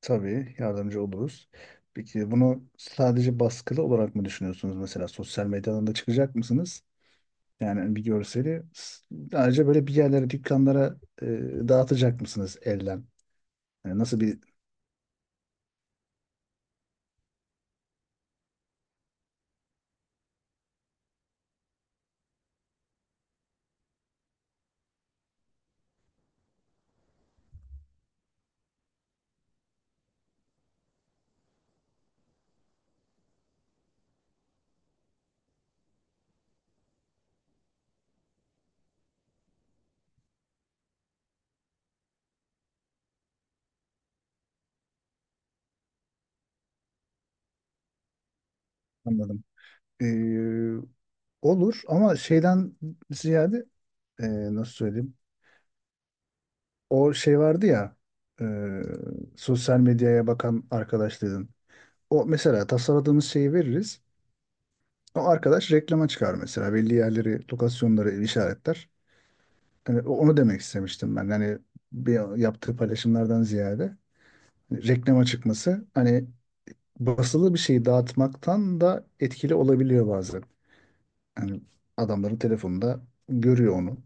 Tabii yardımcı oluruz. Peki bunu sadece baskılı olarak mı düşünüyorsunuz, mesela sosyal medyadan da çıkacak mısınız? Yani bir görseli sadece böyle bir yerlere, dükkanlara e, dağıtacak mısınız elden? Yani nasıl bir Anladım. E, olur ama şeyden ziyade, e, nasıl söyleyeyim? O şey vardı ya, e, sosyal medyaya bakan arkadaşların. O mesela tasarladığımız şeyi veririz. O arkadaş reklama çıkar mesela. Belli yerleri, lokasyonları işaretler. Hani onu demek istemiştim ben. Hani bir yaptığı paylaşımlardan ziyade, hani reklama çıkması, hani basılı bir şeyi dağıtmaktan da etkili olabiliyor bazen. Hani adamların telefonunda görüyor onu.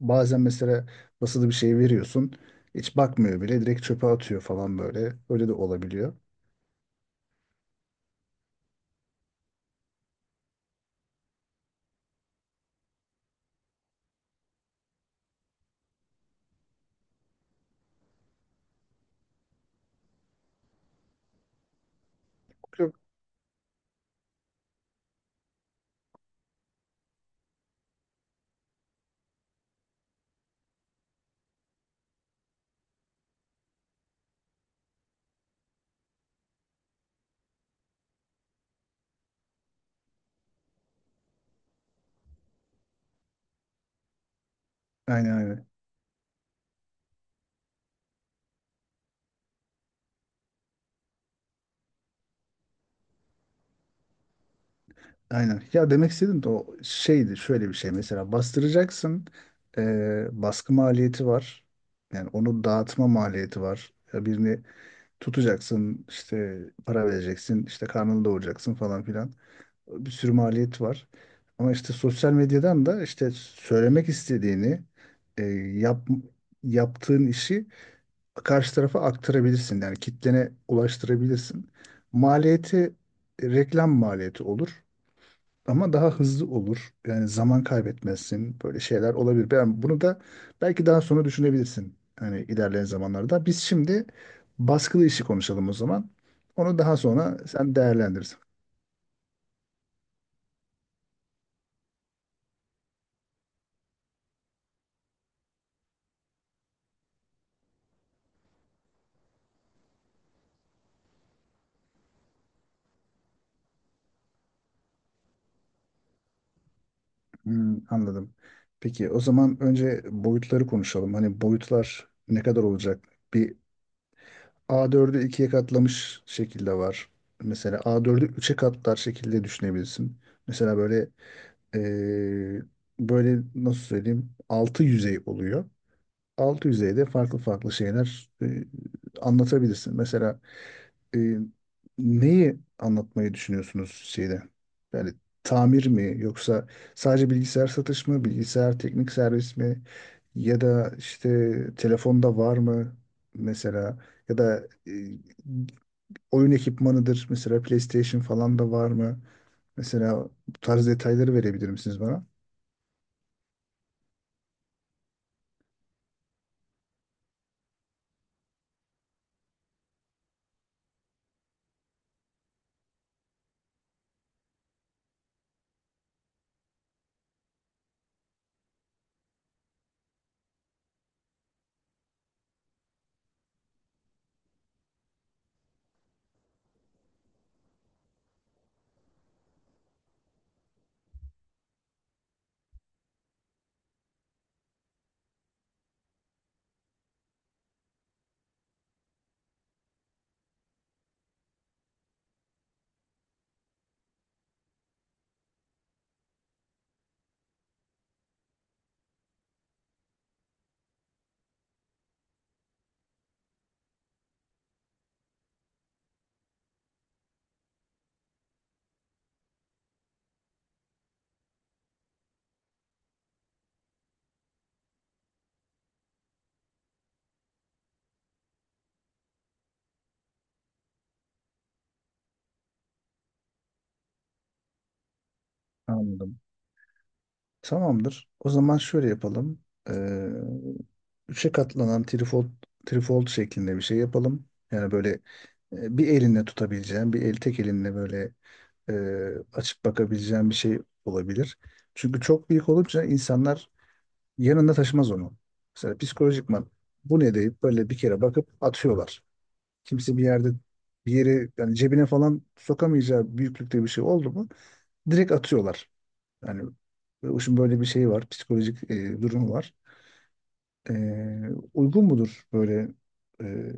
Bazen mesela basılı bir şey veriyorsun, hiç bakmıyor bile, direkt çöpe atıyor falan böyle. Öyle de olabiliyor. Yok. Aynen, aynen. Aynen. Ya demek istedim de, o şeydi şöyle bir şey, mesela bastıracaksın, baskı maliyeti var. Yani onu dağıtma maliyeti var. Ya birini tutacaksın işte, para vereceksin işte, karnını doyuracaksın falan filan. Bir sürü maliyet var. Ama işte sosyal medyadan da işte söylemek istediğini eee, yap, yaptığın işi karşı tarafa aktarabilirsin. Yani kitlene ulaştırabilirsin. Maliyeti, reklam maliyeti olur ama daha hızlı olur. Yani zaman kaybetmezsin. Böyle şeyler olabilir. Ben bunu da belki daha sonra düşünebilirsin, hani ilerleyen zamanlarda. Biz şimdi baskılı işi konuşalım o zaman. Onu daha sonra sen değerlendirirsin. Hmm, anladım. Peki o zaman önce boyutları konuşalım. Hani boyutlar ne kadar olacak? Bir A4'ü ikiye katlamış şekilde var. Mesela A4'ü üçe katlar şekilde düşünebilirsin. Mesela böyle, Ee, böyle nasıl söyleyeyim, altı yüzey oluyor. Altı yüzeyde farklı farklı şeyler anlatabilirsin. Mesela, e, neyi anlatmayı düşünüyorsunuz şeyde? Yani tamir mi yoksa sadece bilgisayar satış mı, bilgisayar teknik servis mi, ya da işte telefonda var mı mesela, ya da oyun ekipmanıdır mesela, PlayStation falan da var mı? Mesela bu tarz detayları verebilir misiniz bana? Anladım. Tamamdır. O zaman şöyle yapalım. Ee, Üçe katlanan trifold, trifold şeklinde bir şey yapalım. Yani böyle, bir elinle tutabileceğin, bir el tek elinle böyle, e, açıp bakabileceğin bir şey olabilir. Çünkü çok büyük olunca insanlar yanında taşımaz onu. Mesela psikolojikman bu ne deyip böyle bir kere bakıp atıyorlar. Kimse bir yerde bir yere, yani cebine falan sokamayacağı büyüklükte bir şey oldu mu direkt atıyorlar. Yani bu böyle bir şeyi var, psikolojik durumu var. E, Uygun mudur böyle, e,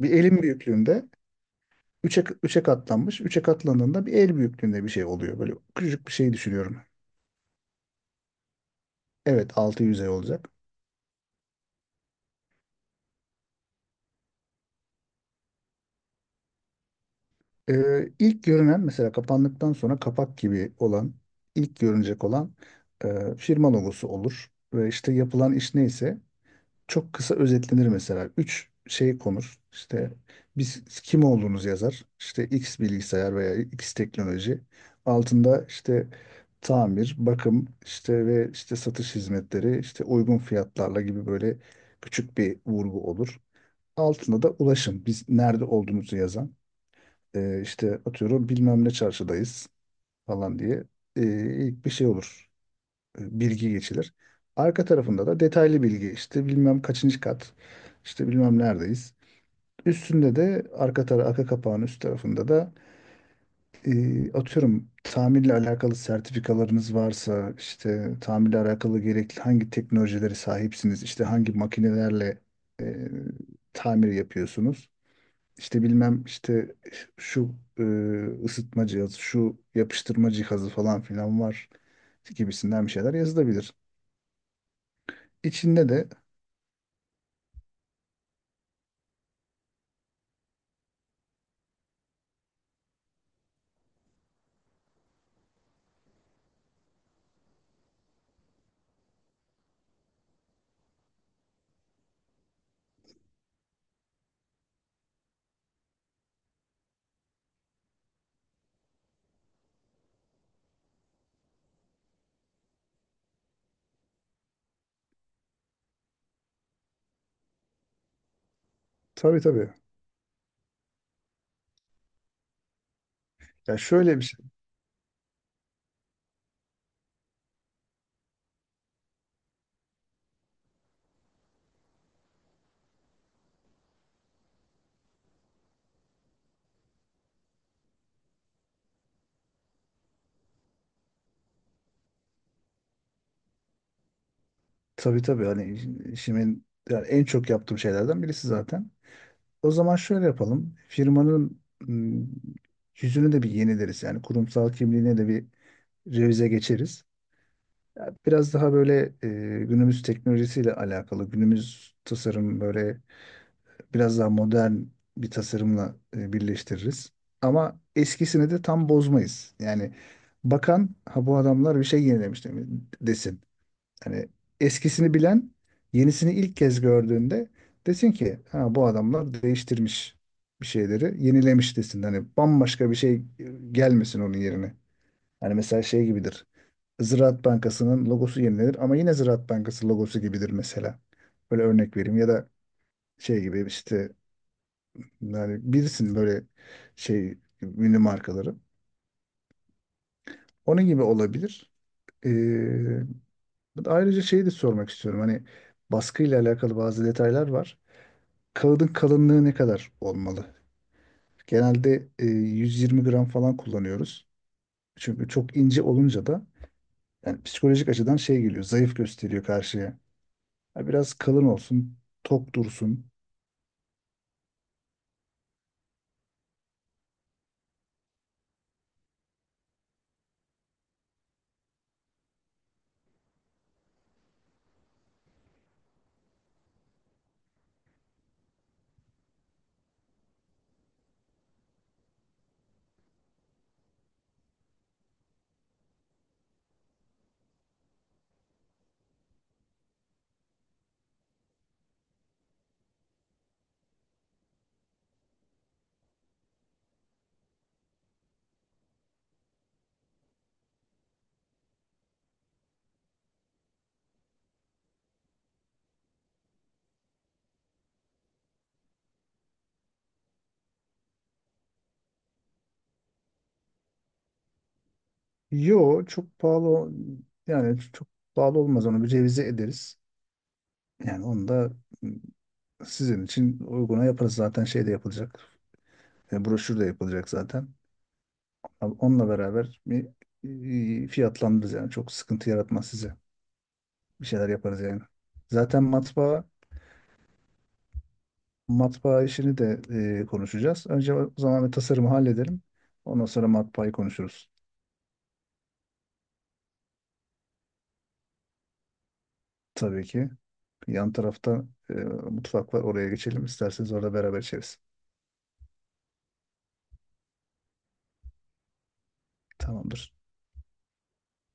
bir elin büyüklüğünde üçe, üçe katlanmış. Üçe katlandığında bir el büyüklüğünde bir şey oluyor. Böyle küçücük bir şey düşünüyorum. Evet, altı yüzey olacak. İlk görünen, mesela kapandıktan sonra kapak gibi olan, ilk görünecek olan firma logosu olur ve işte yapılan iş neyse çok kısa özetlenir mesela. Üç şey konur. İşte biz kim olduğunuz yazar, İşte X bilgisayar veya X teknoloji. Altında işte tamir, bakım işte ve işte satış hizmetleri, işte uygun fiyatlarla gibi böyle küçük bir vurgu olur. Altında da ulaşım, biz nerede olduğumuzu yazan. İşte atıyorum bilmem ne çarşıdayız falan diye e, ilk bir şey olur. Bilgi geçilir. Arka tarafında da detaylı bilgi, işte bilmem kaçıncı kat, işte bilmem neredeyiz. Üstünde de arka kapağın üst tarafında da atıyorum tamirle alakalı sertifikalarınız varsa, işte tamirle alakalı gerekli hangi teknolojileri sahipsiniz, işte hangi makinelerle e, tamir yapıyorsunuz, işte bilmem işte şu ısıtma cihazı, şu yapıştırma cihazı falan filan var gibisinden bir şeyler yazılabilir. İçinde de tabii, tabii. Ya şöyle bir şey. Tabii, tabii, hani işimin yani en çok yaptığım şeylerden birisi zaten. O zaman şöyle yapalım. Firmanın yüzünü de bir yenileriz. Yani kurumsal kimliğine de bir revize geçeriz. Ya biraz daha böyle, günümüz teknolojisiyle alakalı, günümüz tasarım böyle biraz daha modern bir tasarımla birleştiririz. Ama eskisini de tam bozmayız. Yani bakan, ha bu adamlar bir şey yenilemiş desin. Hani eskisini bilen yenisini ilk kez gördüğünde desin ki ha bu adamlar değiştirmiş, bir şeyleri yenilemiş desin. Hani bambaşka bir şey gelmesin onun yerine. Hani mesela şey gibidir, Ziraat Bankası'nın logosu yenilenir ama yine Ziraat Bankası logosu gibidir mesela. Böyle örnek vereyim, ya da şey gibi işte, yani bilirsin böyle şey ünlü markaları. Onun gibi olabilir. Ee, Ayrıca şeyi de sormak istiyorum. Hani baskıyla alakalı bazı detaylar var. Kağıdın kalınlığı ne kadar olmalı? Genelde, 120 gram falan kullanıyoruz. Çünkü çok ince olunca da yani psikolojik açıdan şey geliyor, zayıf gösteriyor karşıya. Ha, biraz kalın olsun, tok dursun. Yo çok pahalı, yani çok pahalı olmaz, onu bir revize ederiz. Yani onu da sizin için uyguna yaparız, zaten şey de yapılacak. Broşür de yapılacak zaten. Ama onunla beraber bir fiyatlandırırız, yani çok sıkıntı yaratmaz size. Bir şeyler yaparız yani. Zaten matbaa matbaa işini de konuşacağız. Önce o zaman bir tasarımı halledelim. Ondan sonra matbaayı konuşuruz. Tabii ki. Yan tarafta mutfak var. Oraya geçelim. İsterseniz orada beraber içeriz. Tamamdır.